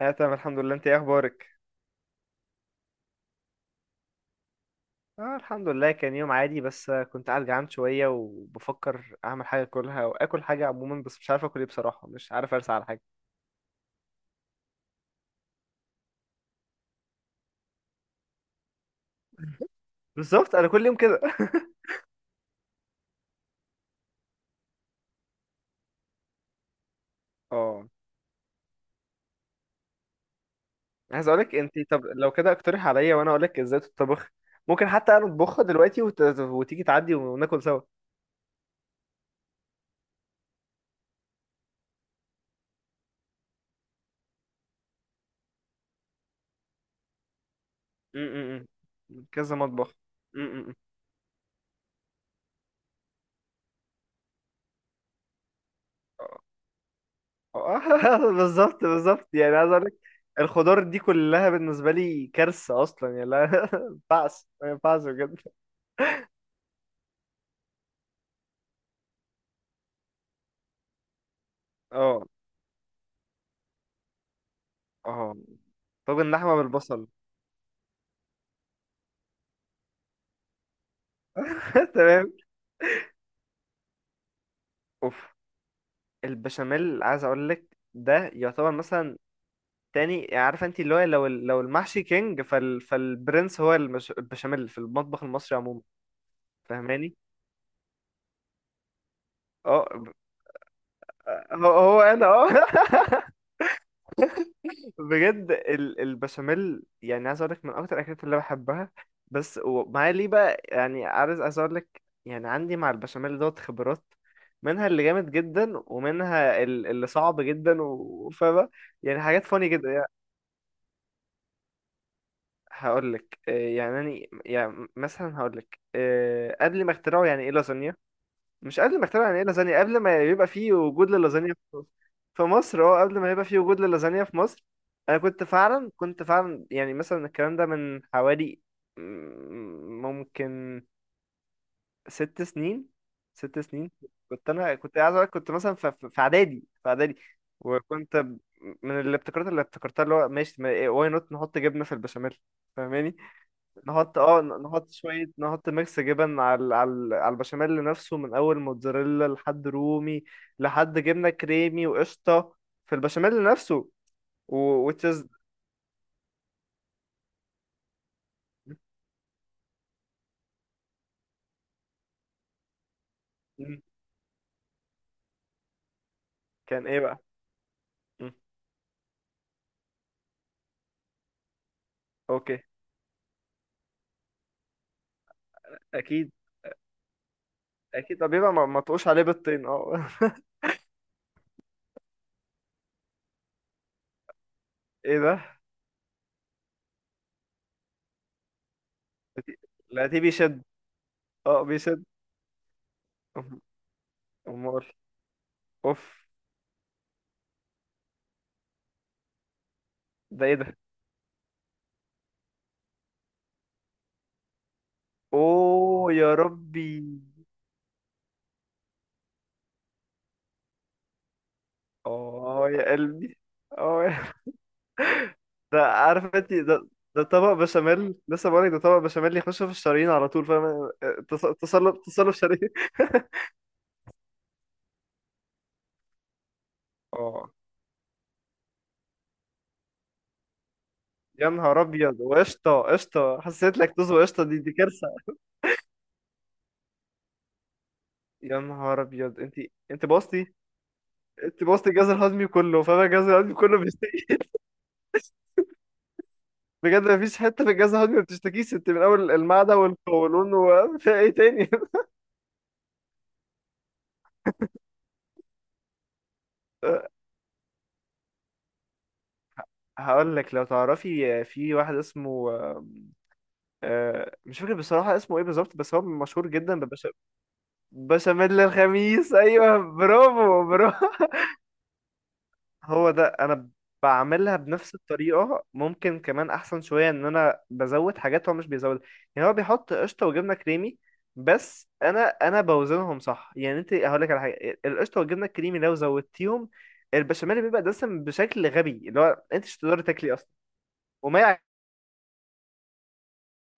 اه، تمام الحمد لله. انت ايه اخبارك؟ اه الحمد لله، كان يوم عادي بس كنت قاعد جعان شويه وبفكر اعمل حاجه اكلها واكل حاجه عموما، بس مش عارف اكل ايه بصراحه، مش عارف ارسى على حاجه. بالظبط انا كل يوم كده. اه. عايز اقولك انت، طب لو كده اقترح عليا وانا اقولك ازاي تطبخ. ممكن حتى انا اطبخها دلوقتي وتيجي تعدي وناكل سوا. م- م- كذا مطبخ. م- م- م. بالظبط بالظبط، يعني عايز اقول لك الخضار دي كلها بالنسبه لي كارثه اصلا، يعني لا. ما ينفعش، ما ينفعش بجد. اه. اه. طاجن لحمه بالبصل. تمام. اوف. البشاميل، عايز اقول لك ده يعتبر مثلا تاني. يعني عارفه انت، اللي هو لو لو المحشي كينج فالبرنس، هو البشاميل في المطبخ المصري عموما. فاهماني. اه. هو انا، اه. بجد البشاميل يعني عايز اقول لك من اكتر الاكلات اللي بحبها. بس ومعايا ليه بقى، يعني عايز اقول لك، يعني عندي مع البشاميل دوت خبرات. منها اللي جامد جدا، ومنها اللي صعب جدا، وفاهمة يعني حاجات فاني جدا يعني. هقول لك يعني يعني مثلا هقول لك، قبل ما اخترعوا يعني ايه لازانيا. مش قبل ما اخترع يعني ايه لازانيا، قبل ما يبقى في وجود للازانيا في مصر. في مصر اه، قبل ما يبقى في وجود للازانيا في مصر. انا كنت فعلا، كنت فعلا، يعني مثلا الكلام ده من حوالي ممكن ست سنين. ست سنين. كنت انا، كنت عايز اقول لك، كنت مثلا في في اعدادي، في اعدادي. وكنت ب- من الابتكارات اللي ابتكرتها اللي هو ماشي، واي نوت نحط جبنه في البشاميل. فاهماني. نحط اه، نحط شوية، نحط ميكس جبن على البشاميل نفسه، من أول موتزاريلا لحد رومي، لحد جبنة كريمي وقشطة في البشاميل نفسه. و which is. مم. كان ايه بقى؟ مم. اوكي. أكيد. أكيد، طب بيبقى ما تقوش عليه بالطين، اه. ايه ده؟ لا دي بيشد، اه بيشد. أم- أمال. اوف. ده ايه ده؟ اوه يا ربي. اه يا قلبي. اه، ده عارف انت ده، ده طبق بشاميل، لسه بقولك ده طبق بشاميل يخش في الشرايين على طول، فاهم؟ تصلب، تصلب شرايين. اه. يا نهار ابيض، وقشطه قشطه حسيت لك طز، وقشطه دي، دي كارثه. يا نهار ابيض انت، انت بوظتي، انت بوظتي الجهاز الهضمي كله، فاهم؟ الجهاز الهضمي كله بيشتكي. بجد مفيش حته في الجهاز الهضمي ما بتشتكيش، انت من اول المعده والقولون وفي ايه تاني. هقول لك، لو تعرفي في واحد اسمه، مش فاكر بصراحه اسمه ايه بالظبط، بس هو مشهور جدا. بشاميل الخميس، ايوه برافو برافو. هو ده. انا بعملها بنفس الطريقه، ممكن كمان احسن شويه ان انا بزود حاجات هو مش بيزود. يعني هو بيحط قشطه وجبنه كريمي، بس انا بوزنهم صح. يعني انت هقول لك على حاجه، القشطه والجبنه الكريمي لو زودتيهم، البشاميل بيبقى دسم بشكل غبي، اللي هو انت مش هتقدري تاكلي اصلا. وما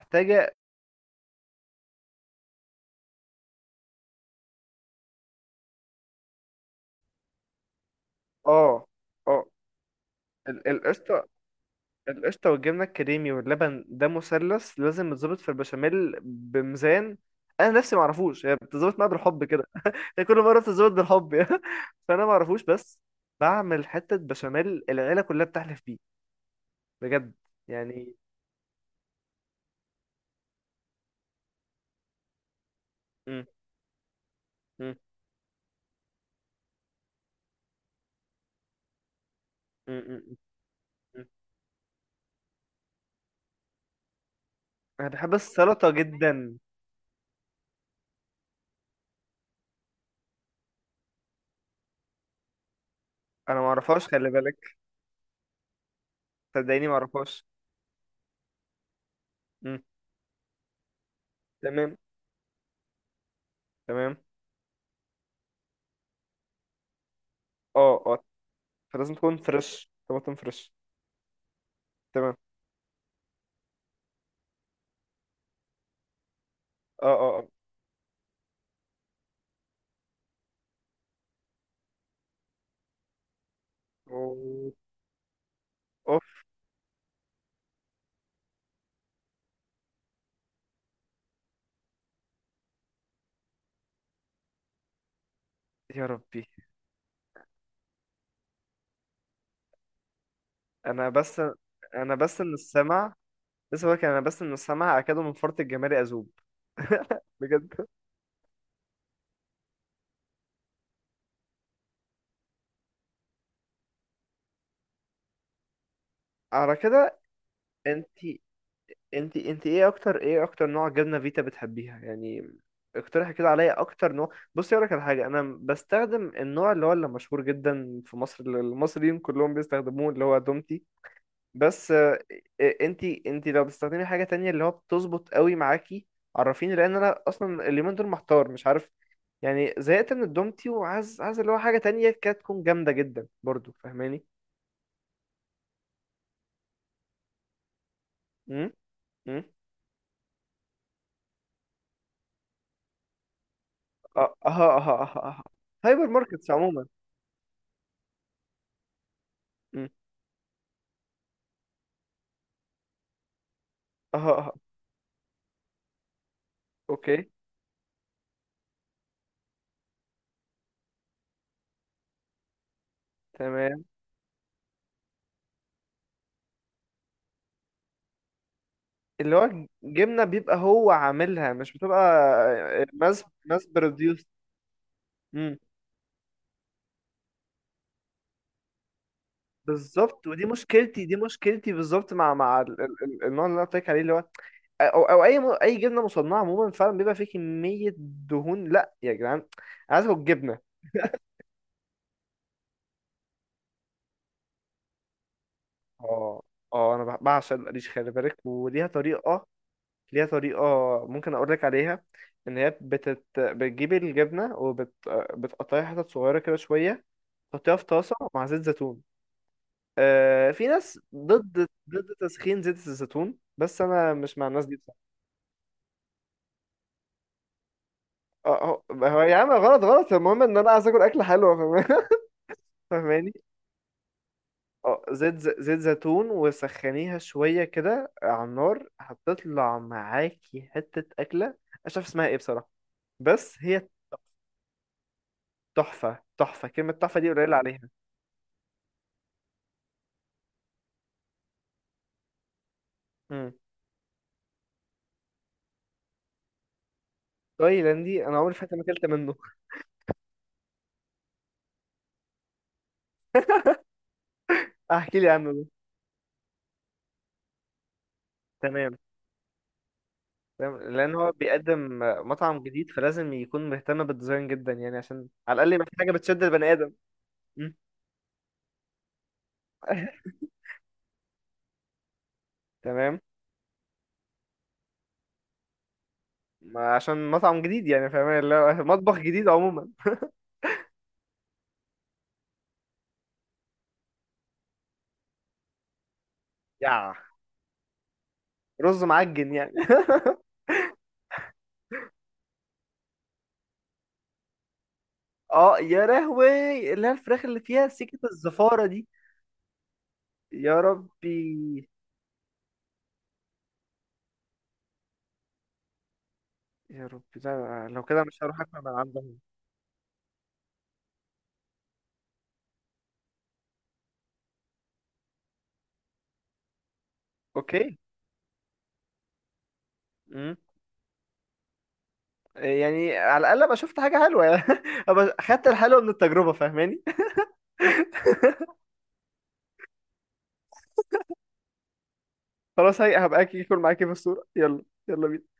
محتاجه. اه. اه. القشطه، القشطة والجبنة الكريمي واللبن، ده مثلث لازم يتظبط في البشاميل بميزان. أنا نفسي معرفوش، هي بتظبط معايا بالحب كده. هي كل مرة بتظبط بالحب. يعني فأنا معرفوش، بس بعمل حتة بشاميل العيلة كلها بتحلف بيه، بجد. يعني. م- م- م- م- م- م. أنا بحب السلطة جدا. أنا معرفهاش، خلي بالك. صدقيني معرفهاش. م. تمام. تمام. اه اه. فلازم تكون فريش، طماطم فريش. تمام. اه اه اه. أوه. أوف. يا ربي. انا بس انا بس ان السمع لسه بقولك، انا بس ان السمع اكاد من فرط الجمال اذوب. بجد. على كده. انت انت، ايه اكتر، ايه اكتر نوع جبنه فيتا بتحبيها يعني؟ اقترحي كده عليا اكتر نوع. بصي اقولك على حاجه، انا بستخدم النوع اللي هو اللي مشهور جدا في مصر، اللي المصريين كلهم بيستخدموه، اللي هو دومتي. بس انت لو بتستخدمي حاجه تانية اللي هو بتظبط قوي معاكي، عرفيني، لان انا اصلا اليومين دول محتار مش عارف يعني. زهقت من الدومتي، وعايز اللي هو حاجه تانية كانت تكون جامده جدا برضو، فاهماني؟ امم. امم. اه اه. اه اه اه. هايبر ماركتس عموما. امم. اه اه. اوكي. تمام. اللي هو جبنه بيبقى هو عاملها، مش بتبقى ماس، ماس بروديوس. امم. بالظبط، ودي مشكلتي، دي مشكلتي بالظبط مع النوع اللي انا قلت لك عليه، اللي هو، او اي اي جبنه مصنعه عموما، فعلا بيبقى فيه كميه دهون. لا يا جدعان، انا عايز اكل جبنه. اه اه. انا بعشق القريش، خلي بالك، وليها طريقه. ليها طريقه، ممكن اقول لك عليها. ان هي بتجيب الجبنه وبتقطعها حتت صغيره كده شويه، تحطيها في طاسه مع زيت زيتون. آه في ناس ضد تسخين زيت الزيتون، بس انا مش مع الناس دي بصراحه. اه. هو يا عم غلط، غلط، المهم ان انا عايز اكل، اكل حلو، فاهماني. اه، زيت زيت زيتون وسخنيها شوية كده على النار، هتطلع معاكي حتة أكلة. مش عارف اسمها ايه بصراحة. بس هي تحفة، تحفة، كلمة تحفة دي قليلة عليها. مم. تايلاندي أنا عمري في حياتي ما أكلت منه. أحكي لي عنه ده. تمام. تمام، لأن هو بيقدم مطعم جديد، فلازم يكون مهتم بالديزاين جدا، يعني عشان على الأقل يبقى في حاجة بتشد البني آدم. مم. تمام، ما عشان مطعم جديد، يعني فاهمين اللي هو مطبخ جديد عموما. يا رز معجن يعني. اه يا لهوي، اللي هي الفراخ اللي فيها سكة الزفارة دي. يا ربي، يا ربي، لا لو كده مش هروح اكل من عندهم. اوكي. امم. يعني على الاقل ابقى شفت حاجة حلوة، يعني ابقى خدت الحلوة من التجربة، فاهماني. خلاص، هي هبقى اكل معاكي في الصورة، يلا يلا بينا.